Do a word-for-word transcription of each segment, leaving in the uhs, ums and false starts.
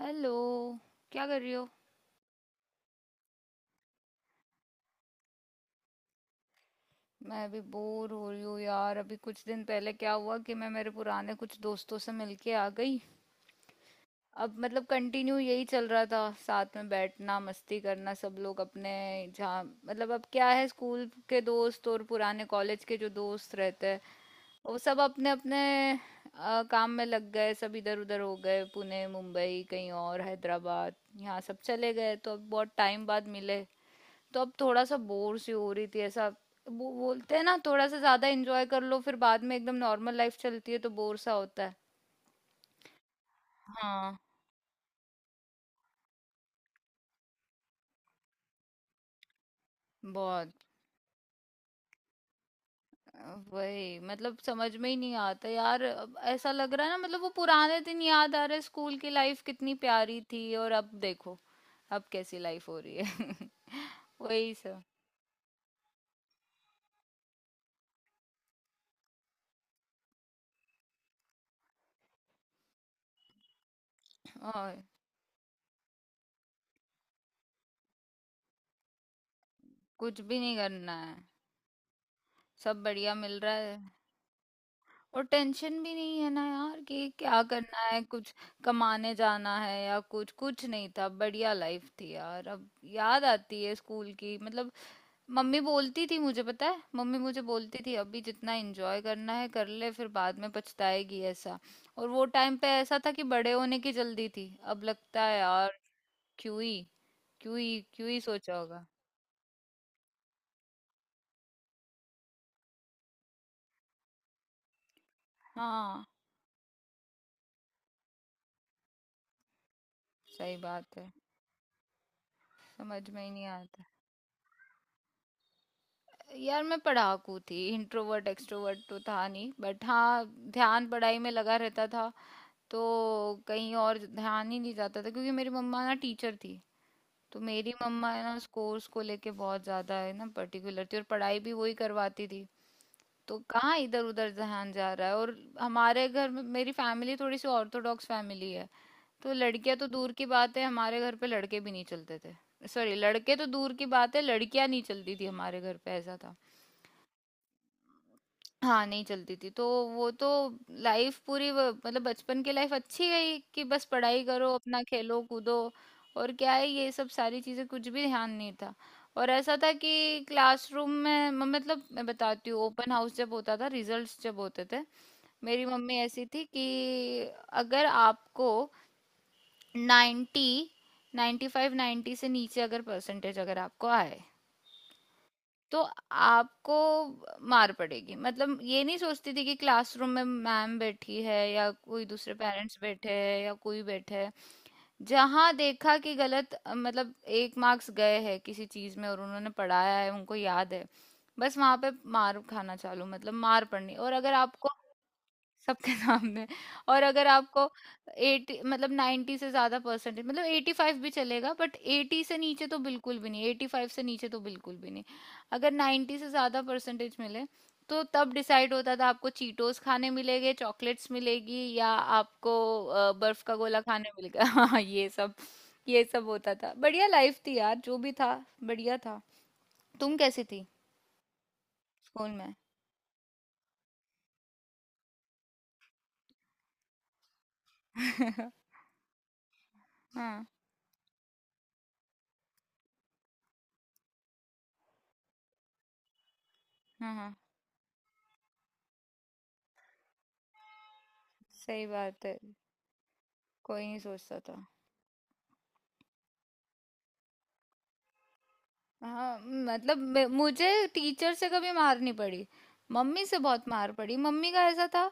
Hello, क्या कर रही हो। मैं अभी बोर हो रही हूँ यार। अभी कुछ दिन पहले क्या हुआ कि मैं मेरे पुराने कुछ दोस्तों से मिलके आ गई। अब मतलब कंटिन्यू यही चल रहा था, साथ में बैठना, मस्ती करना, सब लोग अपने, जहाँ मतलब अब क्या है, स्कूल के दोस्त और पुराने कॉलेज के जो दोस्त रहते हैं वो सब अपने अपने अ, काम में लग गए। सब इधर उधर हो गए, पुणे, मुंबई, कहीं और, हैदराबाद, यहाँ सब चले गए। तो अब बहुत टाइम बाद मिले, तो अब थोड़ा सा बोर सी हो रही थी ऐसा। वो बोलते हैं ना, थोड़ा सा ज्यादा एंजॉय कर लो फिर बाद में एकदम नॉर्मल लाइफ चलती है तो बोर सा होता है। हाँ, बहुत। अ, वही मतलब समझ में ही नहीं आता यार। अब ऐसा लग रहा है ना, मतलब वो पुराने दिन याद आ रहे, स्कूल की लाइफ कितनी प्यारी थी और अब देखो अब कैसी लाइफ हो रही है। वही सब। और कुछ भी नहीं करना है, सब बढ़िया मिल रहा है। और टेंशन भी नहीं है ना यार कि क्या करना है, कुछ कमाने जाना है या कुछ, कुछ नहीं था। बढ़िया लाइफ थी यार। अब याद आती है स्कूल की मतलब। मम्मी बोलती थी, मुझे पता है, मम्मी मुझे बोलती थी अभी जितना एंजॉय करना है कर ले फिर बाद में पछताएगी ऐसा। और वो टाइम पे ऐसा था कि बड़े होने की जल्दी थी, अब लगता है यार क्यों ही, क्यों ही क्यों ही सोचा होगा। हाँ, सही बात है, समझ में ही नहीं आता। यार मैं पढ़ाकू थी, इंट्रोवर्ट एक्सट्रोवर्ट तो था नहीं बट हाँ, ध्यान पढ़ाई में लगा रहता था, तो कहीं और ध्यान ही नहीं जाता था। क्योंकि मेरी मम्मा ना टीचर थी, तो मेरी मम्मा है ना उस कोर्स को लेके बहुत ज्यादा है ना पर्टिकुलर थी, और पढ़ाई भी वही करवाती थी। तो कहाँ इधर उधर ध्यान जा रहा है। और हमारे घर में, मेरी फैमिली थोड़ी सी ऑर्थोडॉक्स फैमिली है, तो लड़कियां तो दूर की बात है हमारे घर पे लड़के भी नहीं चलते थे। सॉरी, लड़के तो दूर की बात है लड़कियां नहीं चलती थी हमारे घर पे, ऐसा था। हाँ, नहीं चलती थी। तो वो तो लाइफ पूरी व मतलब बचपन की लाइफ अच्छी गई कि बस पढ़ाई करो, अपना खेलो, कूदो, और क्या है ये सब सारी चीज़ें, कुछ भी ध्यान नहीं था। और ऐसा था कि क्लासरूम में म मतलब मैं बताती हूँ, ओपन हाउस जब होता था, रिजल्ट्स जब होते थे, मेरी मम्मी ऐसी थी कि अगर आपको नब्बे, पचानवे, नब्बे से नीचे अगर परसेंटेज अगर आपको आए तो आपको मार पड़ेगी। मतलब ये नहीं सोचती थी कि क्लासरूम में मैम बैठी है या कोई दूसरे पेरेंट्स बैठे हैं या कोई बैठे है, जहां देखा कि गलत अ, मतलब एक मार्क्स गए हैं किसी चीज में और उन्होंने पढ़ाया है उनको याद है, बस वहां पे मार खाना चालू, मतलब मार पड़नी। और अगर आपको सबके सामने। और अगर आपको अस्सी, मतलब नब्बे से ज्यादा परसेंटेज, मतलब पचासी भी चलेगा बट अस्सी से नीचे तो बिल्कुल भी नहीं, पचासी से नीचे तो बिल्कुल भी नहीं। अगर नब्बे से ज्यादा परसेंटेज मिले तो तब डिसाइड होता था आपको चीटोस खाने मिलेंगे, चॉकलेट्स मिलेगी, या आपको अ, बर्फ का गोला खाने मिलेगा। हाँ, ये सब, ये सब होता था। बढ़िया लाइफ थी यार, जो भी था बढ़िया था। तुम कैसी थी स्कूल में। हाँ, हाँ, हाँ, सही बात है, कोई नहीं सोचता था। हाँ मतलब मे- मुझे टीचर से कभी मार नहीं पड़ी, मम्मी से बहुत मार पड़ी। मम्मी का ऐसा था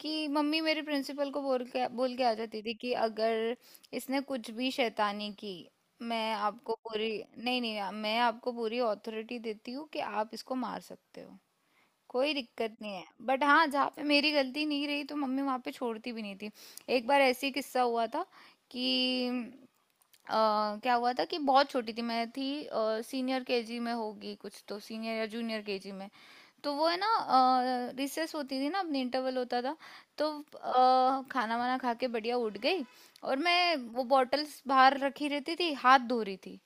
कि मम्मी मेरे प्रिंसिपल को बोल के बोल के आ जाती थी कि अगर इसने कुछ भी शैतानी की, मैं आपको पूरी नहीं नहीं, मैं आपको पूरी अथॉरिटी देती हूँ कि आप इसको मार सकते हो, कोई दिक्कत नहीं है। बट हाँ, जहाँ पे मेरी गलती नहीं रही तो मम्मी वहाँ पे छोड़ती भी नहीं थी। एक बार ऐसे ही किस्सा हुआ था कि अ, क्या हुआ था कि बहुत छोटी थी, मैं थी सीनियर केजी में, होगी कुछ तो सीनियर या जूनियर केजी में। तो वो है ना रिसेस होती थी ना, अपनी इंटरवल होता था, तो अ, खाना वाना खा के बढ़िया उठ गई और मैं वो बॉटल्स बाहर रखी रहती थी, हाथ धो रही थी।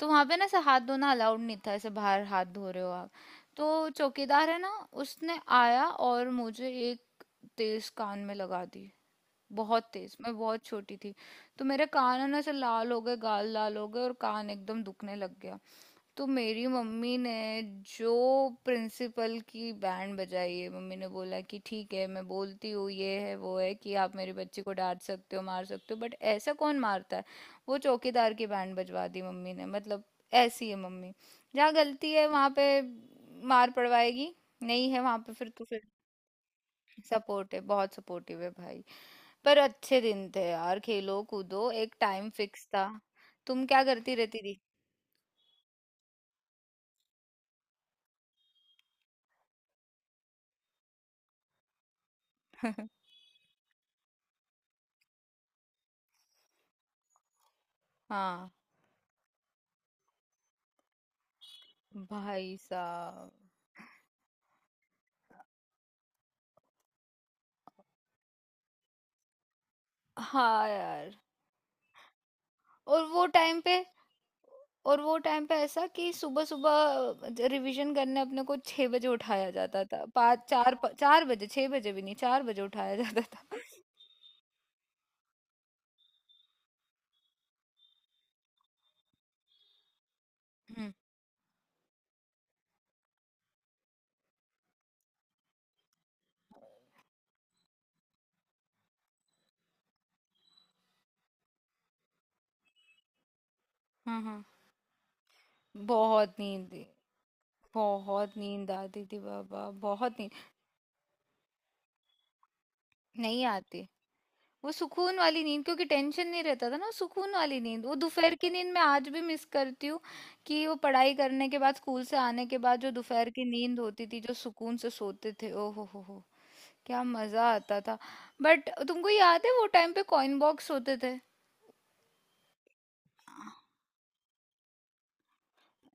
तो वहां पे ना ऐसे हाथ धोना अलाउड नहीं था, ऐसे बाहर हाथ धो रहे हो आप। तो चौकीदार है ना, उसने आया और मुझे एक तेज कान में लगा दी, बहुत तेज। मैं बहुत छोटी थी, तो मेरे कान है ना ऐसे लाल हो गए, गाल लाल हो गए और कान एकदम दुखने लग गया। तो मेरी मम्मी ने जो प्रिंसिपल की बैंड बजाई है, मम्मी ने बोला कि ठीक है मैं बोलती हूँ, ये है वो है, कि आप मेरे बच्चे को डांट सकते हो, मार सकते हो, बट ऐसा कौन मारता है। वो चौकीदार की बैंड बजवा दी मम्मी ने। मतलब ऐसी है मम्मी, जहाँ गलती है वहाँ पे मार पड़वाएगी, नहीं है वहाँ पे फिर तो फिर सपोर्ट है, बहुत सपोर्टिव है भाई। पर अच्छे दिन थे यार, खेलो कूदो, एक टाइम फिक्स था। तुम क्या करती रहती थी। हाँ भाई साहब। हाँ यार। और वो टाइम पे और वो टाइम पे ऐसा कि सुबह सुबह रिवीजन करने अपने को छह बजे उठाया जाता था, पाँच, चार, प- चार बजे, छह बजे भी नहीं, चार बजे उठाया जाता था। हम्म, हाँ हाँ। बहुत नींद, बहुत नींद आती थी बाबा, बहुत नींद। नहीं आती। वो सुकून वाली नींद, क्योंकि टेंशन नहीं रहता था ना, सुकून वाली नींद, वो दोपहर की नींद मैं आज भी मिस करती हूँ। कि वो पढ़ाई करने के बाद, स्कूल से आने के बाद जो दोपहर की नींद होती थी, जो सुकून से सोते थे, ओ हो हो हो क्या मजा आता था। बट तुमको याद है वो टाइम पे कॉइन बॉक्स होते थे।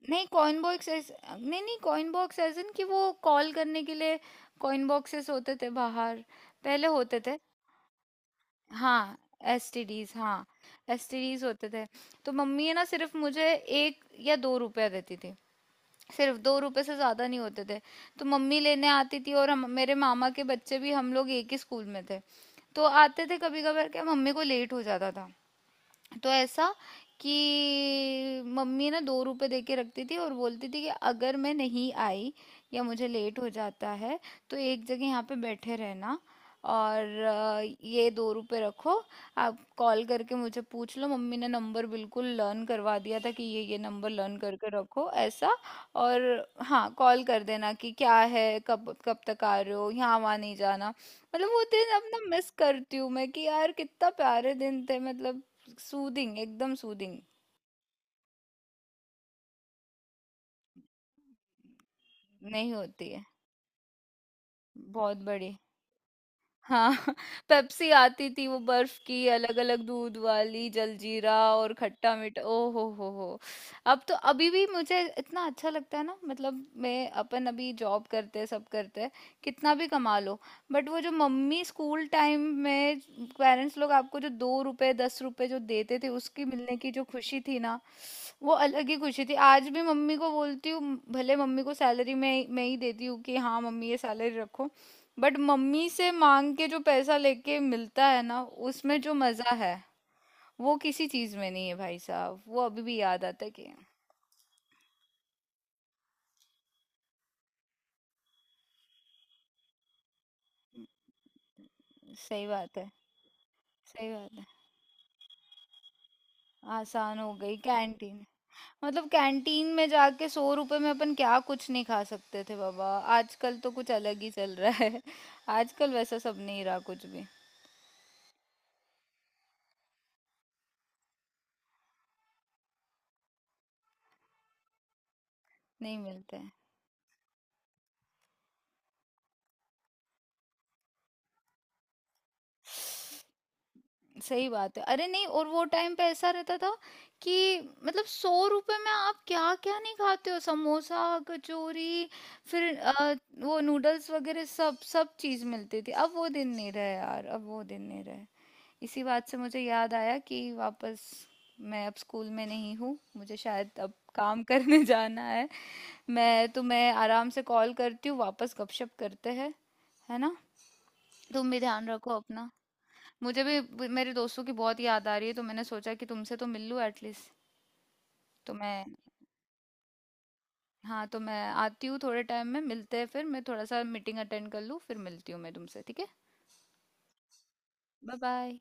नहीं कॉइन बॉक्स ऐसे नहीं, नहीं कॉइन बॉक्स एज इन कि वो कॉल करने के लिए कॉइन बॉक्सेस होते थे बाहर, पहले होते थे। हाँ, एसटीडीज, हाँ, एसटीडीज होते थे। तो मम्मी है ना सिर्फ मुझे एक या दो रुपया देती थी, सिर्फ दो रुपए से ज्यादा नहीं होते थे। तो मम्मी लेने आती थी, और हम, मेरे मामा के बच्चे भी हम लोग एक ही स्कूल में थे तो आते थे, कभी कभार क्या मम्मी को लेट हो जाता था तो ऐसा कि मम्मी ना दो रुपए दे के रखती थी और बोलती थी कि अगर मैं नहीं आई या मुझे लेट हो जाता है तो एक जगह यहाँ पे बैठे रहना, और अ, ये दो रुपए रखो, आप कॉल करके मुझे पूछ लो। मम्मी ने नंबर बिल्कुल लर्न करवा दिया था कि ये ये नंबर लर्न करके रखो ऐसा। और हाँ, कॉल कर देना कि क्या है, कब कब तक आ रहे हो, यहाँ वहाँ नहीं जाना। मतलब वो दिन अब ना मिस करती हूँ मैं कि यार कितना प्यारे दिन थे मतलब, सूदिंग एकदम सूदिंग। नहीं होती है बहुत बड़ी, हाँ। पेप्सी आती थी, वो बर्फ की अलग अलग, दूध वाली, जलजीरा और खट्टा मीठा, ओ हो हो हो। अब तो अभी भी मुझे इतना अच्छा लगता है ना, मतलब मैं, अपन अभी जॉब करते हैं, सब करते हैं, कितना भी कमा लो, बट वो जो मम्मी स्कूल टाइम में, पेरेंट्स लोग आपको जो दो रुपए, दस रुपए जो देते थे, उसकी मिलने की जो खुशी थी ना, वो अलग ही खुशी थी। आज भी मम्मी को बोलती हूँ, म- भले मम्मी को सैलरी मैं ही- मैं ही देती हूँ कि हाँ मम्मी ये सैलरी रखो, बट मम्मी से मांग के जो पैसा लेके मिलता है ना, उसमें जो मजा है वो किसी चीज में नहीं है भाई साहब। वो अभी भी याद आता है कि सही बात है, सही बात है, आसान हो गई कैंटीन। मतलब कैंटीन में जाके सौ रुपए में अपन क्या कुछ नहीं खा सकते थे बाबा। आजकल तो कुछ अलग ही चल रहा है, आजकल वैसा सब नहीं रहा कुछ भी, नहीं मिलते। सही बात है, अरे नहीं, और वो टाइम पे ऐसा रहता था कि मतलब सौ रुपए में आप क्या क्या नहीं खाते हो, समोसा, कचौरी, फिर अ, वो नूडल्स वगैरह, सब सब चीज मिलती थी। अब वो दिन नहीं रहे यार, अब वो दिन नहीं रहे। इसी बात से मुझे याद आया कि वापस मैं अब स्कूल में नहीं हूँ, मुझे शायद अब काम करने जाना है। मैं तुम्हें आराम से कॉल करती हूँ, वापस गपशप करते हैं, है ना। तुम भी ध्यान रखो अपना। मुझे भी भी मेरे दोस्तों की बहुत याद आ रही है तो मैंने सोचा कि तुमसे तो मिल लूँ एटलीस्ट। तो मैं, हाँ, तो मैं आती हूँ थोड़े टाइम में मिलते हैं, फिर मैं थोड़ा सा मीटिंग अटेंड कर लूँ फिर मिलती हूँ मैं तुमसे, ठीक है। Bye bye.